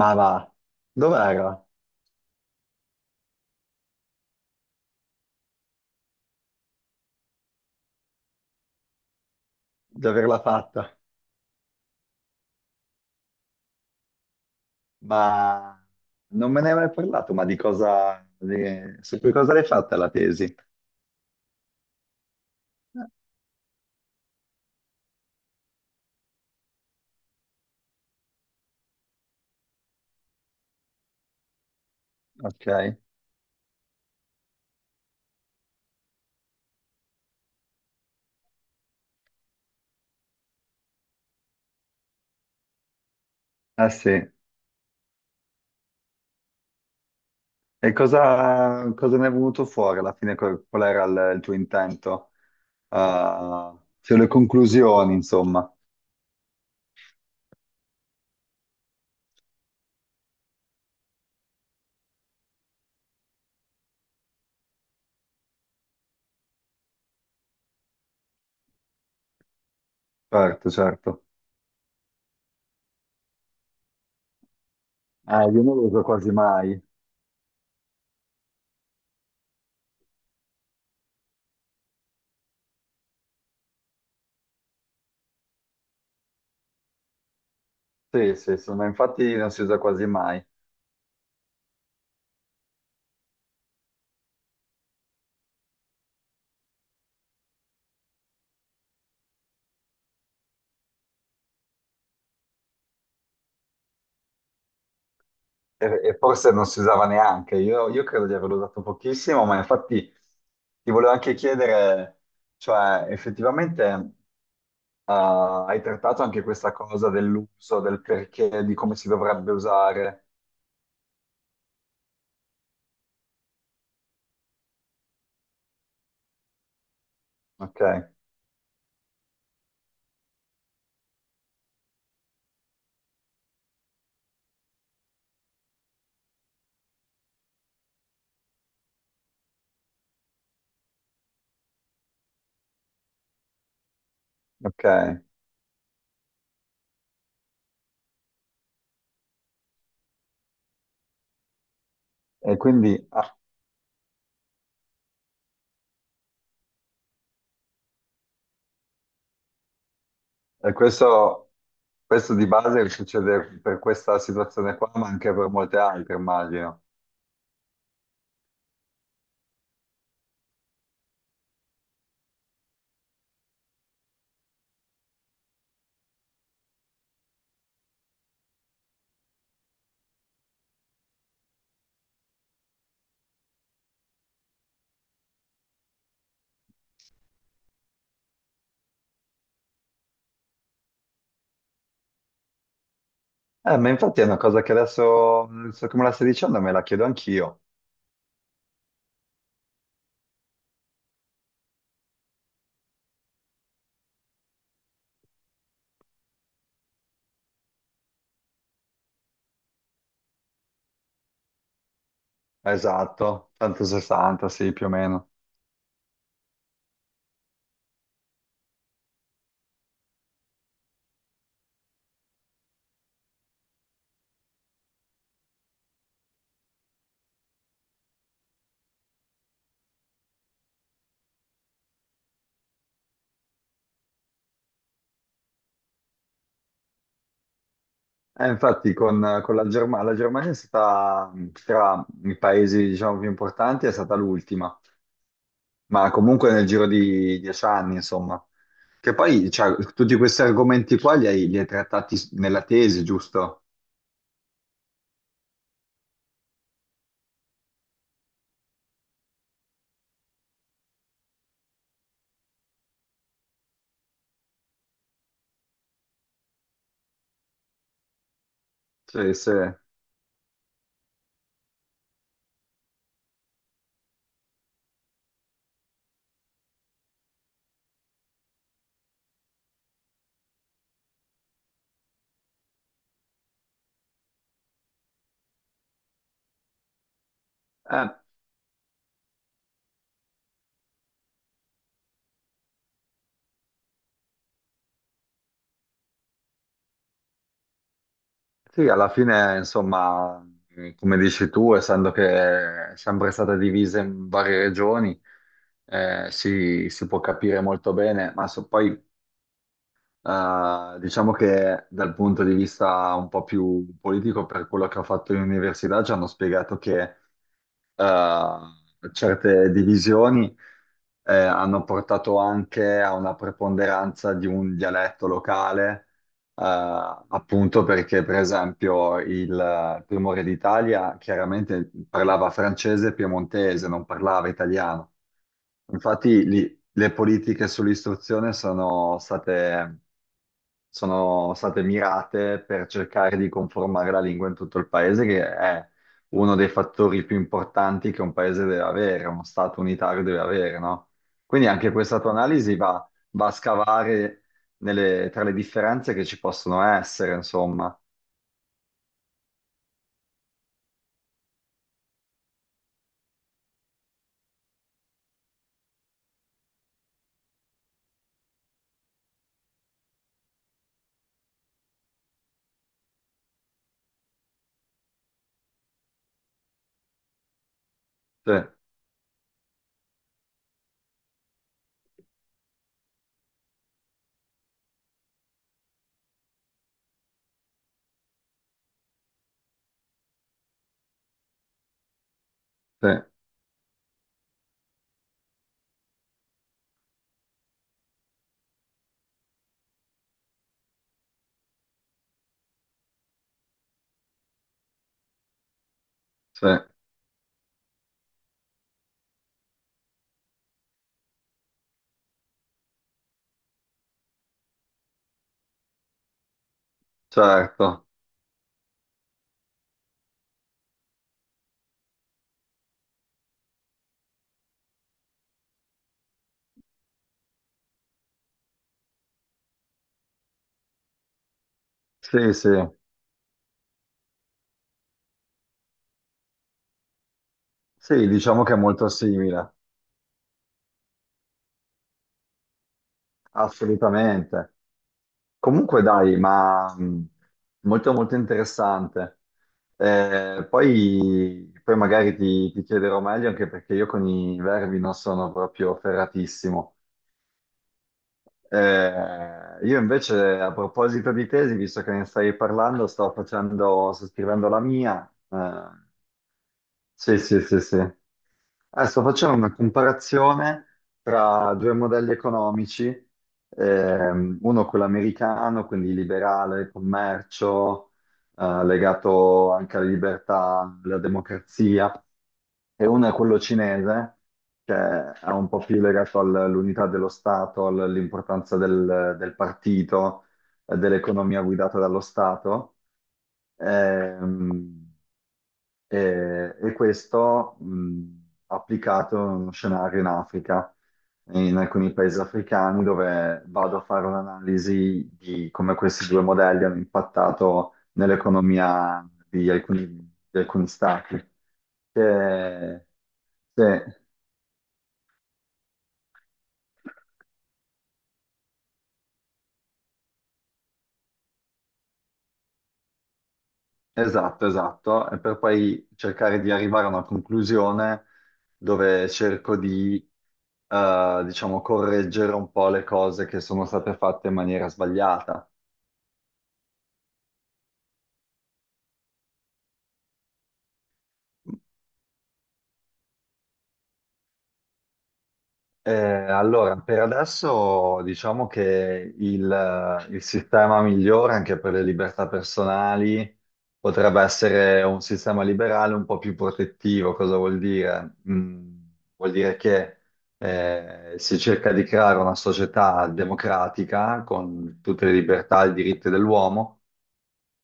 Ma va, dov'era di averla fatta? Ma non me ne hai mai parlato, ma di cosa, su che cosa l'hai fatta la tesi? Ok. Ah sì, e cosa ne è venuto fuori alla fine? Qual era il tuo intento? Ah, cioè le conclusioni, insomma. Certo, certo. Ah, io non lo uso quasi mai. Sì, sì, sì, ma infatti non si usa quasi mai. E forse non si usava neanche, io credo di averlo usato pochissimo, ma infatti ti volevo anche chiedere, cioè effettivamente eh, hai trattato anche questa cosa dell'uso, del perché, di come si dovrebbe usare. Ok, ok, e quindi ah, e questo, questo di base succede per questa situazione qua, ma anche per molte altre, immagino. Ma infatti è una cosa che adesso come la stai dicendo, me la chiedo anch'io. Esatto, 160, sì, più o meno. E infatti con la Germania è stata tra i paesi, diciamo, più importanti, è stata l'ultima, ma comunque nel giro di 10 anni, insomma. Che poi, cioè, tutti questi argomenti qua li hai trattati nella tesi, giusto? Cioè, eh, sì, alla fine, insomma, come dici tu, essendo che è sempre stata divisa in varie regioni, si può capire molto bene, ma poi. Diciamo che dal punto di vista un po' più politico, per quello che ho fatto in università, ci hanno spiegato che certe divisioni hanno portato anche a una preponderanza di un dialetto locale, eh, appunto perché, per esempio, il primo re d'Italia chiaramente parlava francese e piemontese, non parlava italiano. Infatti, le politiche sull'istruzione sono state mirate per cercare di conformare la lingua in tutto il paese, che è uno dei fattori più importanti che un paese deve avere, uno Stato unitario deve avere, no? Quindi anche questa tua analisi va a scavare tra le differenze che ci possono essere, insomma. Sì, sì, sì, certo. Sì, sì. Sì, diciamo che è molto simile, assolutamente. Comunque dai, ma molto molto interessante. Poi, magari ti chiederò meglio anche perché io con i verbi non sono proprio ferratissimo. Io invece a proposito di tesi, visto che ne stai parlando, sto scrivendo la mia. Sì, sì, sì, sì. Sto facendo una comparazione tra due modelli economici, uno quello americano, quindi liberale, commercio, legato anche alla libertà, alla democrazia, e uno è quello cinese, che è un po' più legato all'unità dello Stato, all'importanza del partito, dell'economia guidata dallo Stato. Ehm, e questo applicato in uno scenario in Africa, in alcuni paesi africani, dove vado a fare un'analisi di come questi due modelli hanno impattato nell'economia di alcuni stati. Che- sì, esatto, esatto, e per poi cercare di arrivare a una conclusione dove cerco di diciamo, correggere un po' le cose che sono state fatte in maniera sbagliata. Allora, per adesso diciamo che il sistema migliore anche per le libertà personali potrebbe essere un sistema liberale un po' più protettivo. Cosa vuol dire? Vuol dire che si cerca di creare una società democratica con tutte le libertà e i diritti dell'uomo,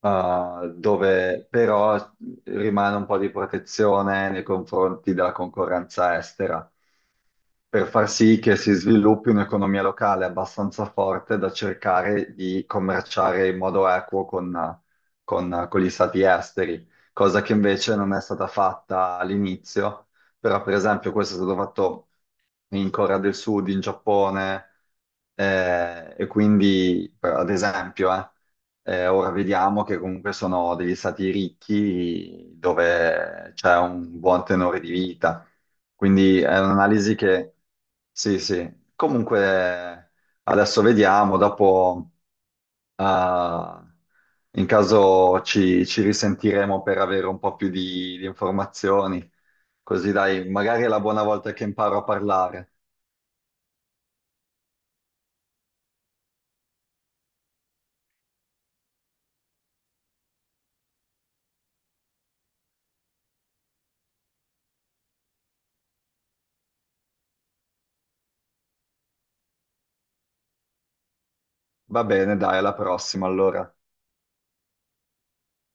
dove però rimane un po' di protezione nei confronti della concorrenza estera per far sì che si sviluppi un'economia locale abbastanza forte da cercare di commerciare in modo equo con, con gli stati esteri, cosa che invece non è stata fatta all'inizio, però per esempio questo è stato fatto in Corea del Sud, in Giappone, e quindi, ad esempio, ora vediamo che comunque sono degli stati ricchi dove c'è un buon tenore di vita. Quindi è un'analisi che, sì, sì, comunque adesso vediamo, dopo eh, in caso ci risentiremo per avere un po' più di informazioni, così dai, magari è la buona volta che imparo a parlare. Va bene, dai, alla prossima allora.